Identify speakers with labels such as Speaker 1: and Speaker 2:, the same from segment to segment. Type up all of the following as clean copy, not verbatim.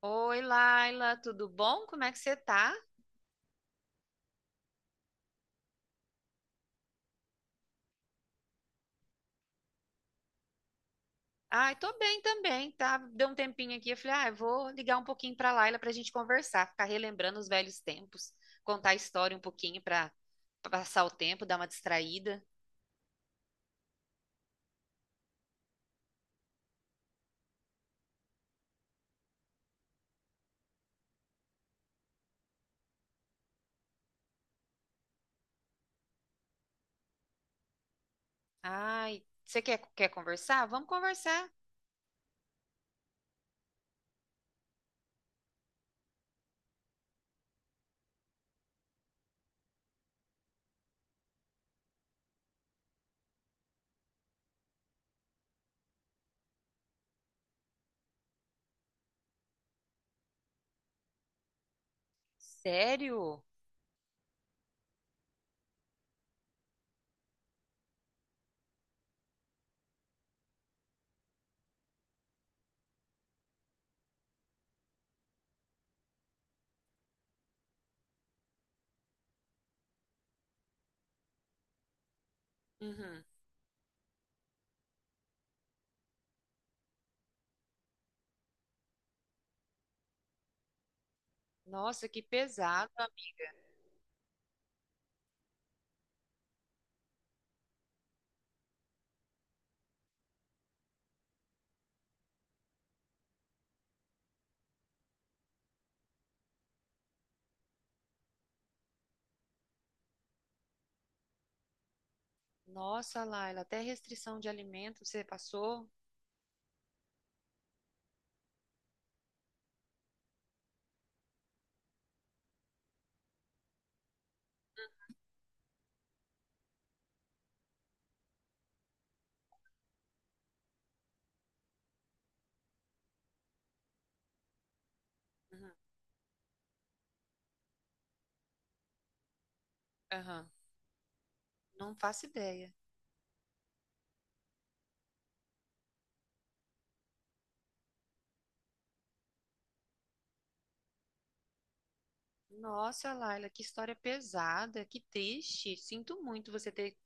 Speaker 1: Oi, Laila, tudo bom? Como é que você tá? Ai, tô bem também, tá? Deu um tempinho aqui, eu falei, ah, eu vou ligar um pouquinho pra Laila pra gente conversar, ficar relembrando os velhos tempos, contar a história um pouquinho pra passar o tempo, dar uma distraída. Ai, você quer conversar? Vamos conversar. Sério? Uhum. Nossa, que pesado, amiga. Nossa, Laila, até restrição de alimento você passou? Uhum. Aham. Não faço ideia. Nossa, Laila, que história pesada, que triste. Sinto muito você ter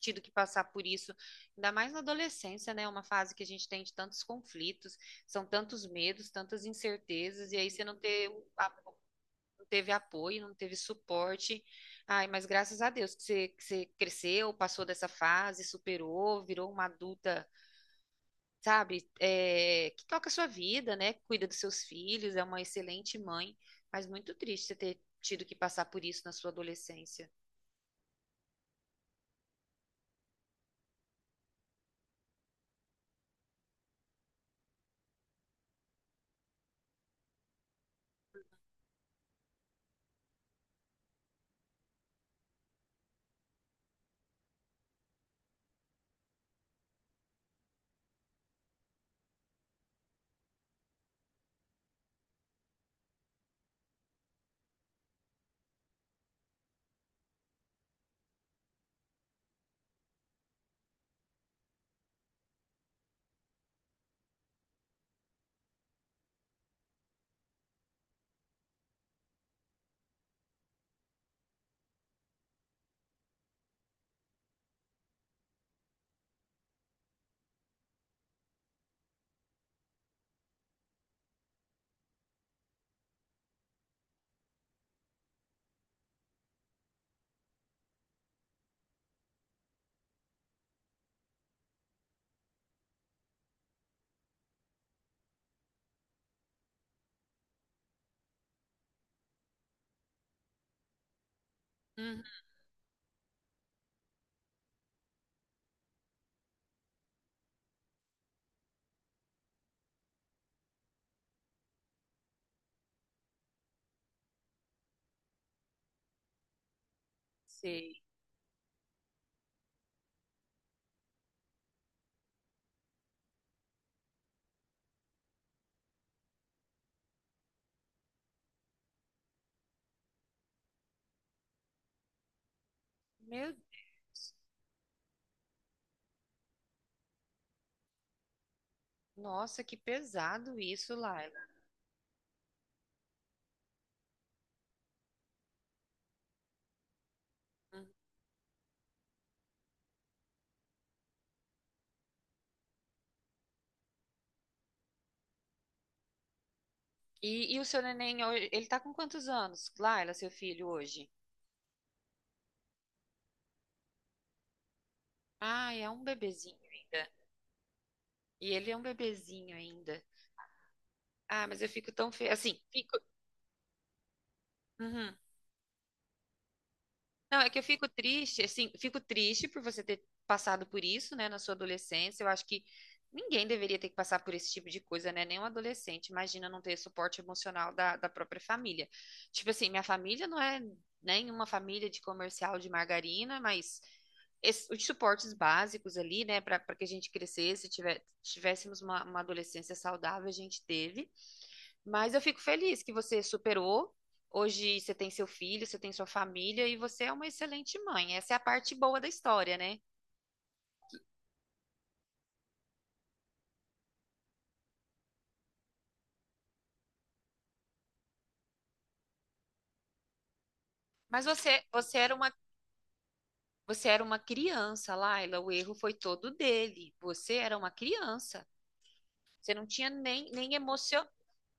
Speaker 1: tido que passar por isso, ainda mais na adolescência, né? Uma fase que a gente tem de tantos conflitos, são tantos medos, tantas incertezas, e aí você não ter- um a- não teve apoio, não teve suporte. Ai, mas graças a Deus que você cresceu, passou dessa fase, superou, virou uma adulta, sabe, é, que toca a sua vida, né? Cuida dos seus filhos, é uma excelente mãe, mas muito triste você ter tido que passar por isso na sua adolescência. Uhum, sei. Meu Deus. Nossa, que pesado isso, Laila. Uhum. E o seu neném, ele tá com quantos anos, Laila, seu filho, hoje? Ah, é um bebezinho ainda. E ele é um bebezinho ainda. Ah, mas eu fico tão feliz. Assim, fico. Uhum. Não, é que eu fico triste, assim, fico triste por você ter passado por isso, né, na sua adolescência. Eu acho que ninguém deveria ter que passar por esse tipo de coisa, né? Nem um adolescente. Imagina não ter suporte emocional da própria família. Tipo assim, minha família não é nenhuma família de comercial de margarina, mas os suportes básicos ali, né, para que a gente crescesse, tivéssemos uma adolescência saudável, a gente teve. Mas eu fico feliz que você superou. Hoje você tem seu filho, você tem sua família e você é uma excelente mãe. Essa é a parte boa da história, né? Mas você era uma criança, Laila. O erro foi todo dele. Você era uma criança. Você não tinha nem emoção.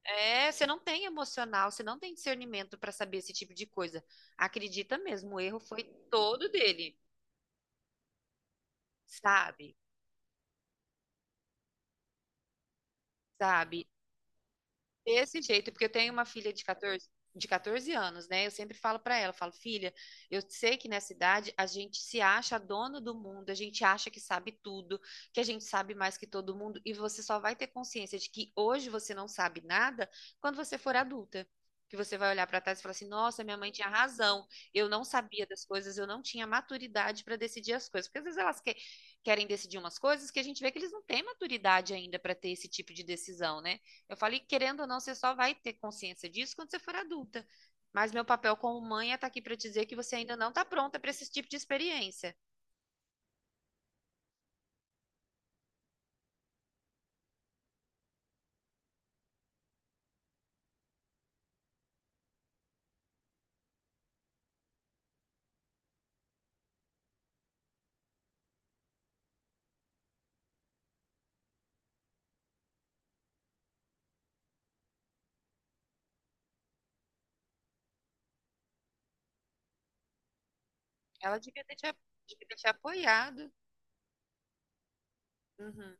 Speaker 1: É, você não tem emocional, você não tem discernimento para saber esse tipo de coisa. Acredita mesmo, o erro foi todo dele, sabe? Sabe? Desse jeito, porque eu tenho uma filha de 14, de 14 anos, né? Eu sempre falo pra ela, falo, filha, eu sei que nessa idade a gente se acha dono do mundo, a gente acha que sabe tudo, que a gente sabe mais que todo mundo, e você só vai ter consciência de que hoje você não sabe nada quando você for adulta. Que você vai olhar pra trás e falar assim: nossa, minha mãe tinha razão, eu não sabia das coisas, eu não tinha maturidade pra decidir as coisas. Porque às vezes querem decidir umas coisas que a gente vê que eles não têm maturidade ainda pra ter esse tipo de decisão, né? Eu falei, que, querendo ou não, você só vai ter consciência disso quando você for adulta. Mas meu papel como mãe é estar aqui para dizer que você ainda não está pronta para esse tipo de experiência. Ela devia ter te, a- Devia ter te apoiado. Uhum.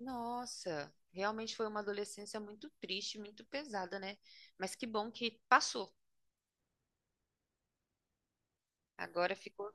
Speaker 1: Nossa, realmente foi uma adolescência muito triste, muito pesada, né? Mas que bom que passou. Agora ficou.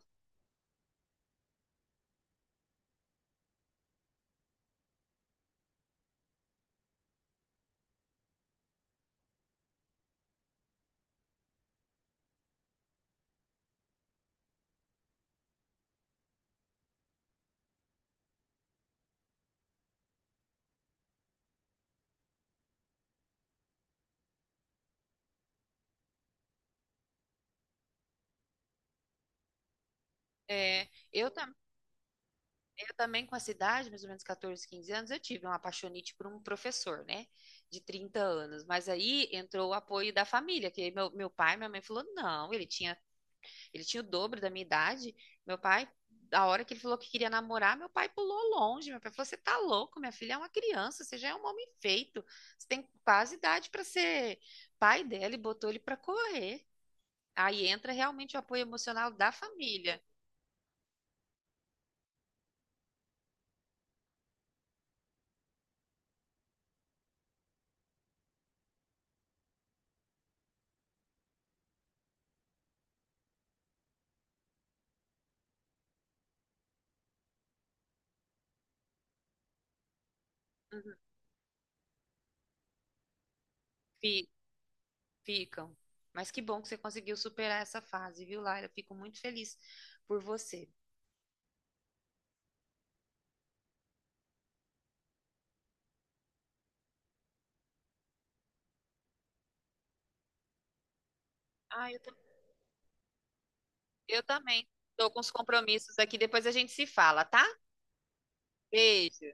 Speaker 1: É, eu também. Eu também, com a idade, mais ou menos 14, 15 anos, eu tive uma apaixonite por um professor, né? De 30 anos. Mas aí entrou o apoio da família, que meu pai, minha mãe falou, não, ele tinha o dobro da minha idade. Meu pai, da hora que ele falou que queria namorar, meu pai pulou longe. Meu pai falou, você tá louco, minha filha é uma criança, você já é um homem feito. Você tem quase idade para ser pai dela e botou ele para correr. Aí entra realmente o apoio emocional da família. Uhum. Fi- Ficam. Mas que bom que você conseguiu superar essa fase, viu, Laila? Fico muito feliz por você. Ah, eu, tam- eu também. Estou com os compromissos aqui, depois a gente se fala, tá? Beijo.